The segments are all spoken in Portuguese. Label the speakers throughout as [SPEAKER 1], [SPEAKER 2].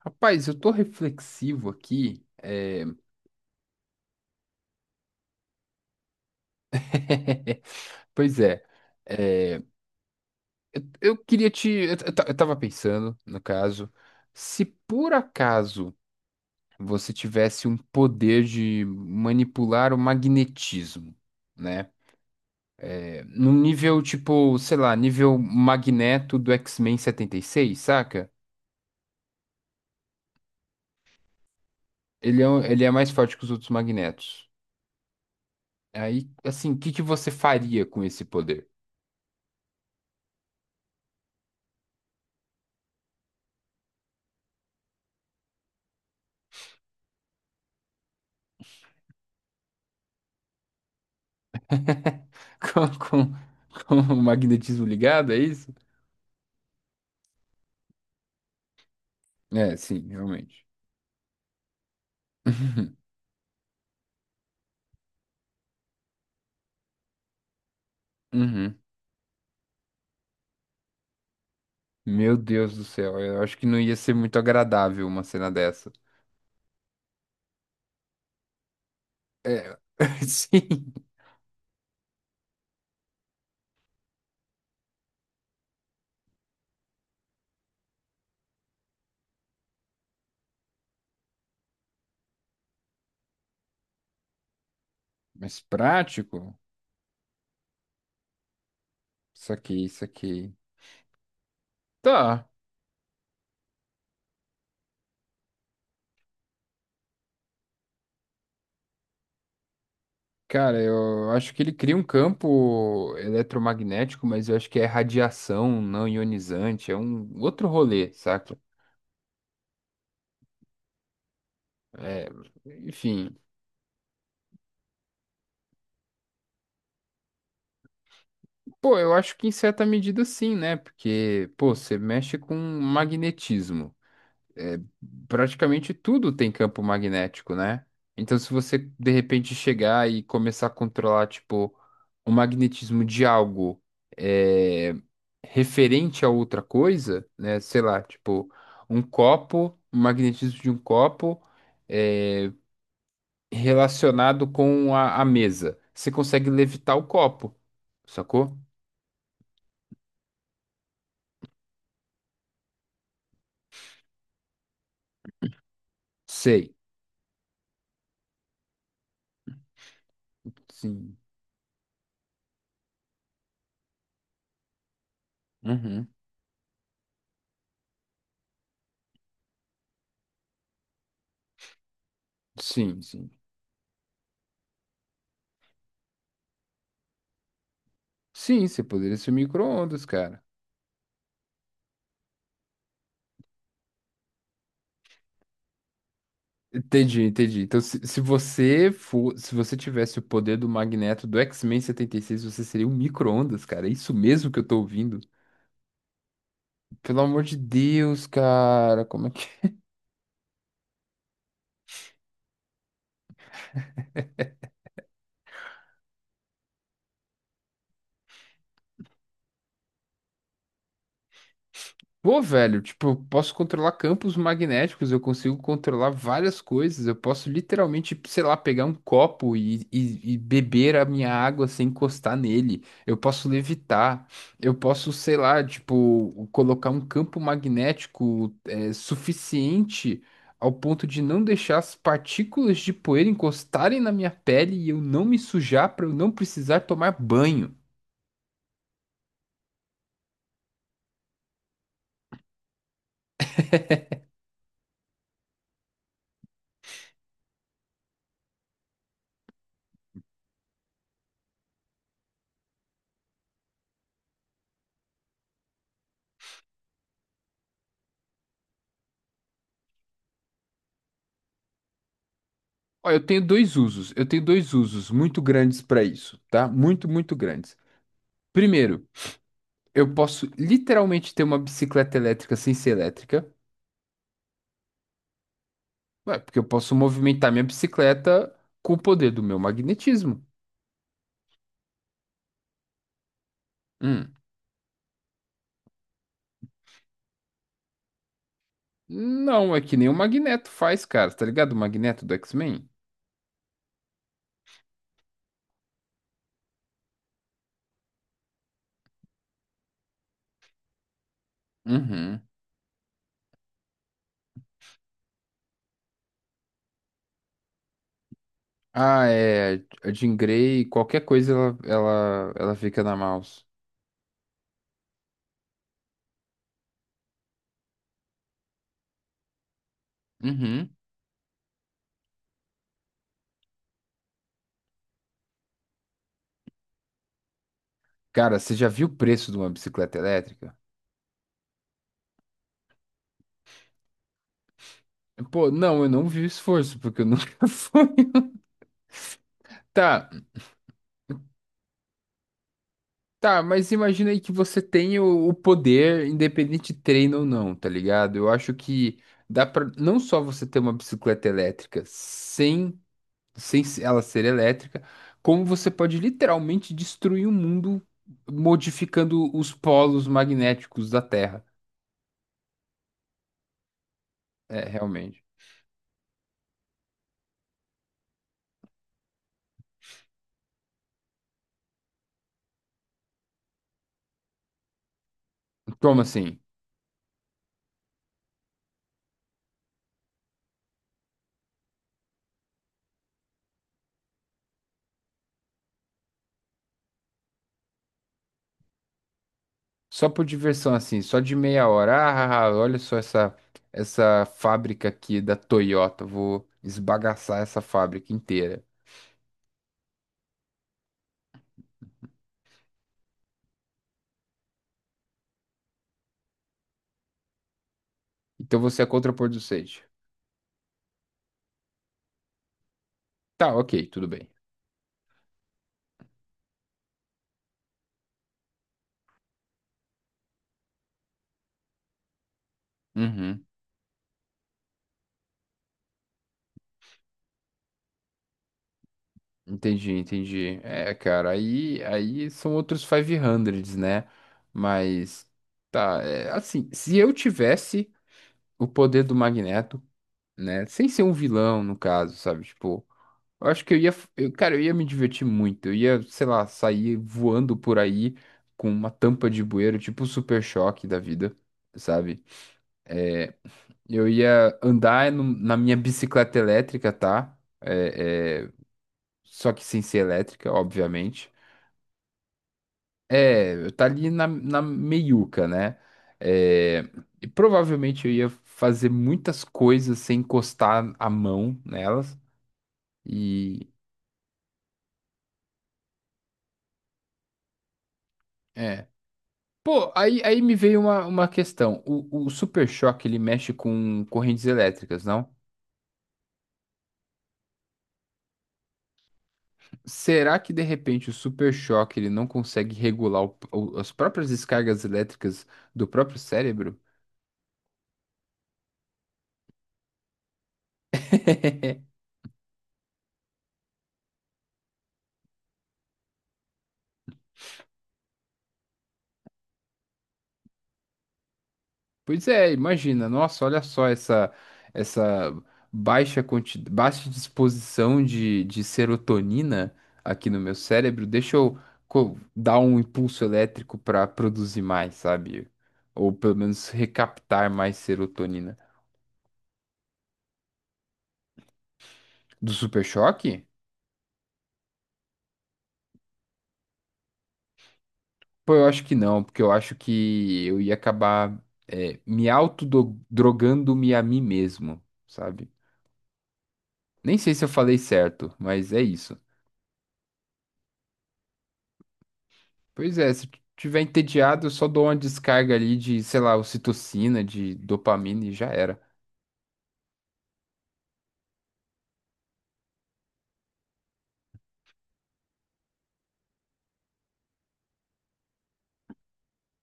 [SPEAKER 1] Rapaz, eu tô reflexivo aqui. Pois é, é, eu queria te. Eu ta- eu tava pensando, no caso, se por acaso você tivesse um poder de manipular o magnetismo, né? No nível tipo, sei lá, nível Magneto do X-Men 76, saca? Ele é mais forte que os outros Magnetos. Aí, assim, o que que você faria com esse poder? Com, com, com o magnetismo ligado, é isso? É, sim, realmente. Uhum. Uhum. Meu Deus do céu, eu acho que não ia ser muito agradável uma cena dessa. É, sim. Mas prático? Saquei, saquei. Tá, cara, eu acho que ele cria um campo eletromagnético, mas eu acho que é radiação não ionizante, é um outro rolê, saca? É, enfim. Pô, eu acho que em certa medida sim, né? Porque, pô, você mexe com magnetismo. É, praticamente tudo tem campo magnético, né? Então, se você de repente chegar e começar a controlar, tipo, o magnetismo de algo é, referente a outra coisa, né? Sei lá, tipo, um copo, o magnetismo de um copo é, relacionado com a mesa. Você consegue levitar o copo, sacou? Sei. Sim. Uhum. Sim, sim. Sim, você poderia ser micro-ondas, cara. Entendi, entendi. Então, se você tivesse o poder do Magneto do X-Men 76, você seria um micro-ondas, cara. É isso mesmo que eu tô ouvindo. Pelo amor de Deus, cara. Como é que. Pô, velho, tipo, eu posso controlar campos magnéticos, eu consigo controlar várias coisas, eu posso literalmente, sei lá, pegar um copo e beber a minha água sem encostar nele, eu posso levitar, eu posso, sei lá, tipo, colocar um campo magnético suficiente ao ponto de não deixar as partículas de poeira encostarem na minha pele e eu não me sujar para eu não precisar tomar banho. Ó, eu tenho dois usos. Eu tenho dois usos muito grandes para isso, tá? Muito, muito grandes. Primeiro, eu posso literalmente ter uma bicicleta elétrica sem ser elétrica. Ué, porque eu posso movimentar minha bicicleta com o poder do meu magnetismo. Hum. Não, é que nem o Magneto faz, cara, tá ligado? O Magneto do X-Men? Uhum. Ah, é. A Jean Grey, qualquer coisa ela fica na mouse. Uhum. Cara, você já viu o preço de uma bicicleta elétrica? Pô, não, eu não vi o esforço, porque eu nunca fui. Tá, tá, mas imagina aí que você tem o poder, independente de treino ou não, tá ligado? Eu acho que dá pra não só você ter uma bicicleta elétrica sem ela ser elétrica, como você pode literalmente destruir o mundo modificando os polos magnéticos da Terra. É, realmente. Como assim? Só por diversão, assim, só de meia hora. Ah, ah, ah, olha só essa fábrica aqui da Toyota. Vou esbagaçar essa fábrica inteira. Então você é contraproducente. Tá, ok, tudo bem. Uhum, entendi, entendi. É, cara, aí são outros 500, né? Mas, tá, é, assim, se eu tivesse o poder do Magneto, né? Sem ser um vilão, no caso, sabe? Tipo. Eu acho que cara, eu ia me divertir muito. Eu ia, sei lá, sair voando por aí com uma tampa de bueiro, tipo o Super Choque da vida, sabe? É, eu ia andar na minha bicicleta elétrica, tá? Só que sem ser elétrica, obviamente. É, eu tá ali na, na meiuca, né? É, e provavelmente eu ia fazer muitas coisas sem encostar a mão nelas. E. é. Pô, aí me veio uma questão. O Super Choque, ele mexe com correntes elétricas, não? Será que, de repente, o Super Choque, ele não consegue regular as próprias descargas elétricas do próprio cérebro? Pois é, imagina, nossa, olha só essa baixa disposição de serotonina aqui no meu cérebro, deixa eu dar um impulso elétrico para produzir mais, sabe? Ou pelo menos recaptar mais serotonina. Do super choque? Pô, eu acho que não, porque eu acho que eu ia acabar me autodrogando-me a mim mesmo, sabe? Nem sei se eu falei certo, mas é isso. Pois é, se tiver entediado, eu só dou uma descarga ali de, sei lá, ocitocina, de dopamina e já era.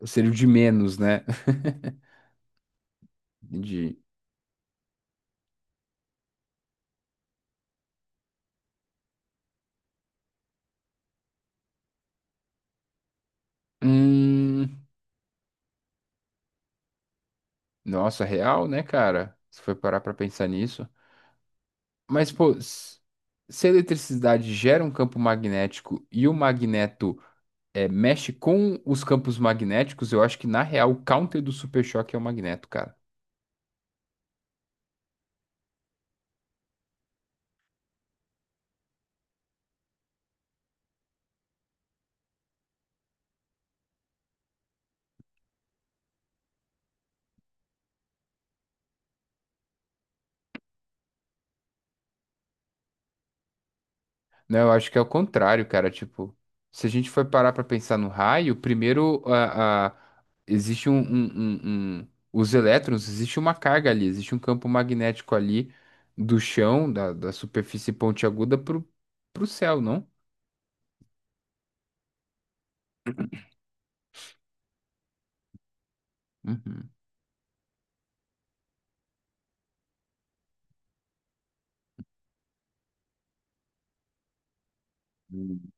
[SPEAKER 1] Eu seria o de menos, né? De. Hum. Nossa, real, né, cara? Se for parar pra pensar nisso. Mas, pô, se a eletricidade gera um campo magnético e o magneto mexe com os campos magnéticos, eu acho que, na real, o counter do super choque é o magneto, cara. Não, eu acho que é o contrário, cara. Tipo, se a gente for parar pra pensar no raio, primeiro existe os elétrons, existe uma carga ali, existe um campo magnético ali do chão, da superfície pontiaguda pro céu, não? Uhum. Hum.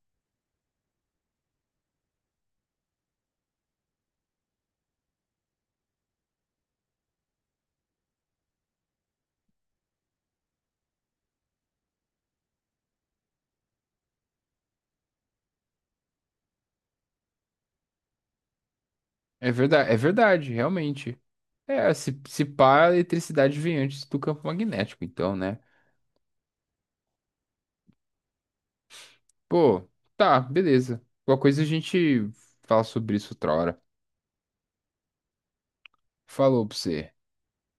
[SPEAKER 1] É verdade, realmente. É, se pá, a eletricidade vem antes do campo magnético, então, né? Pô, tá, beleza. Qualquer coisa a gente fala sobre isso outra hora. Falou pra você.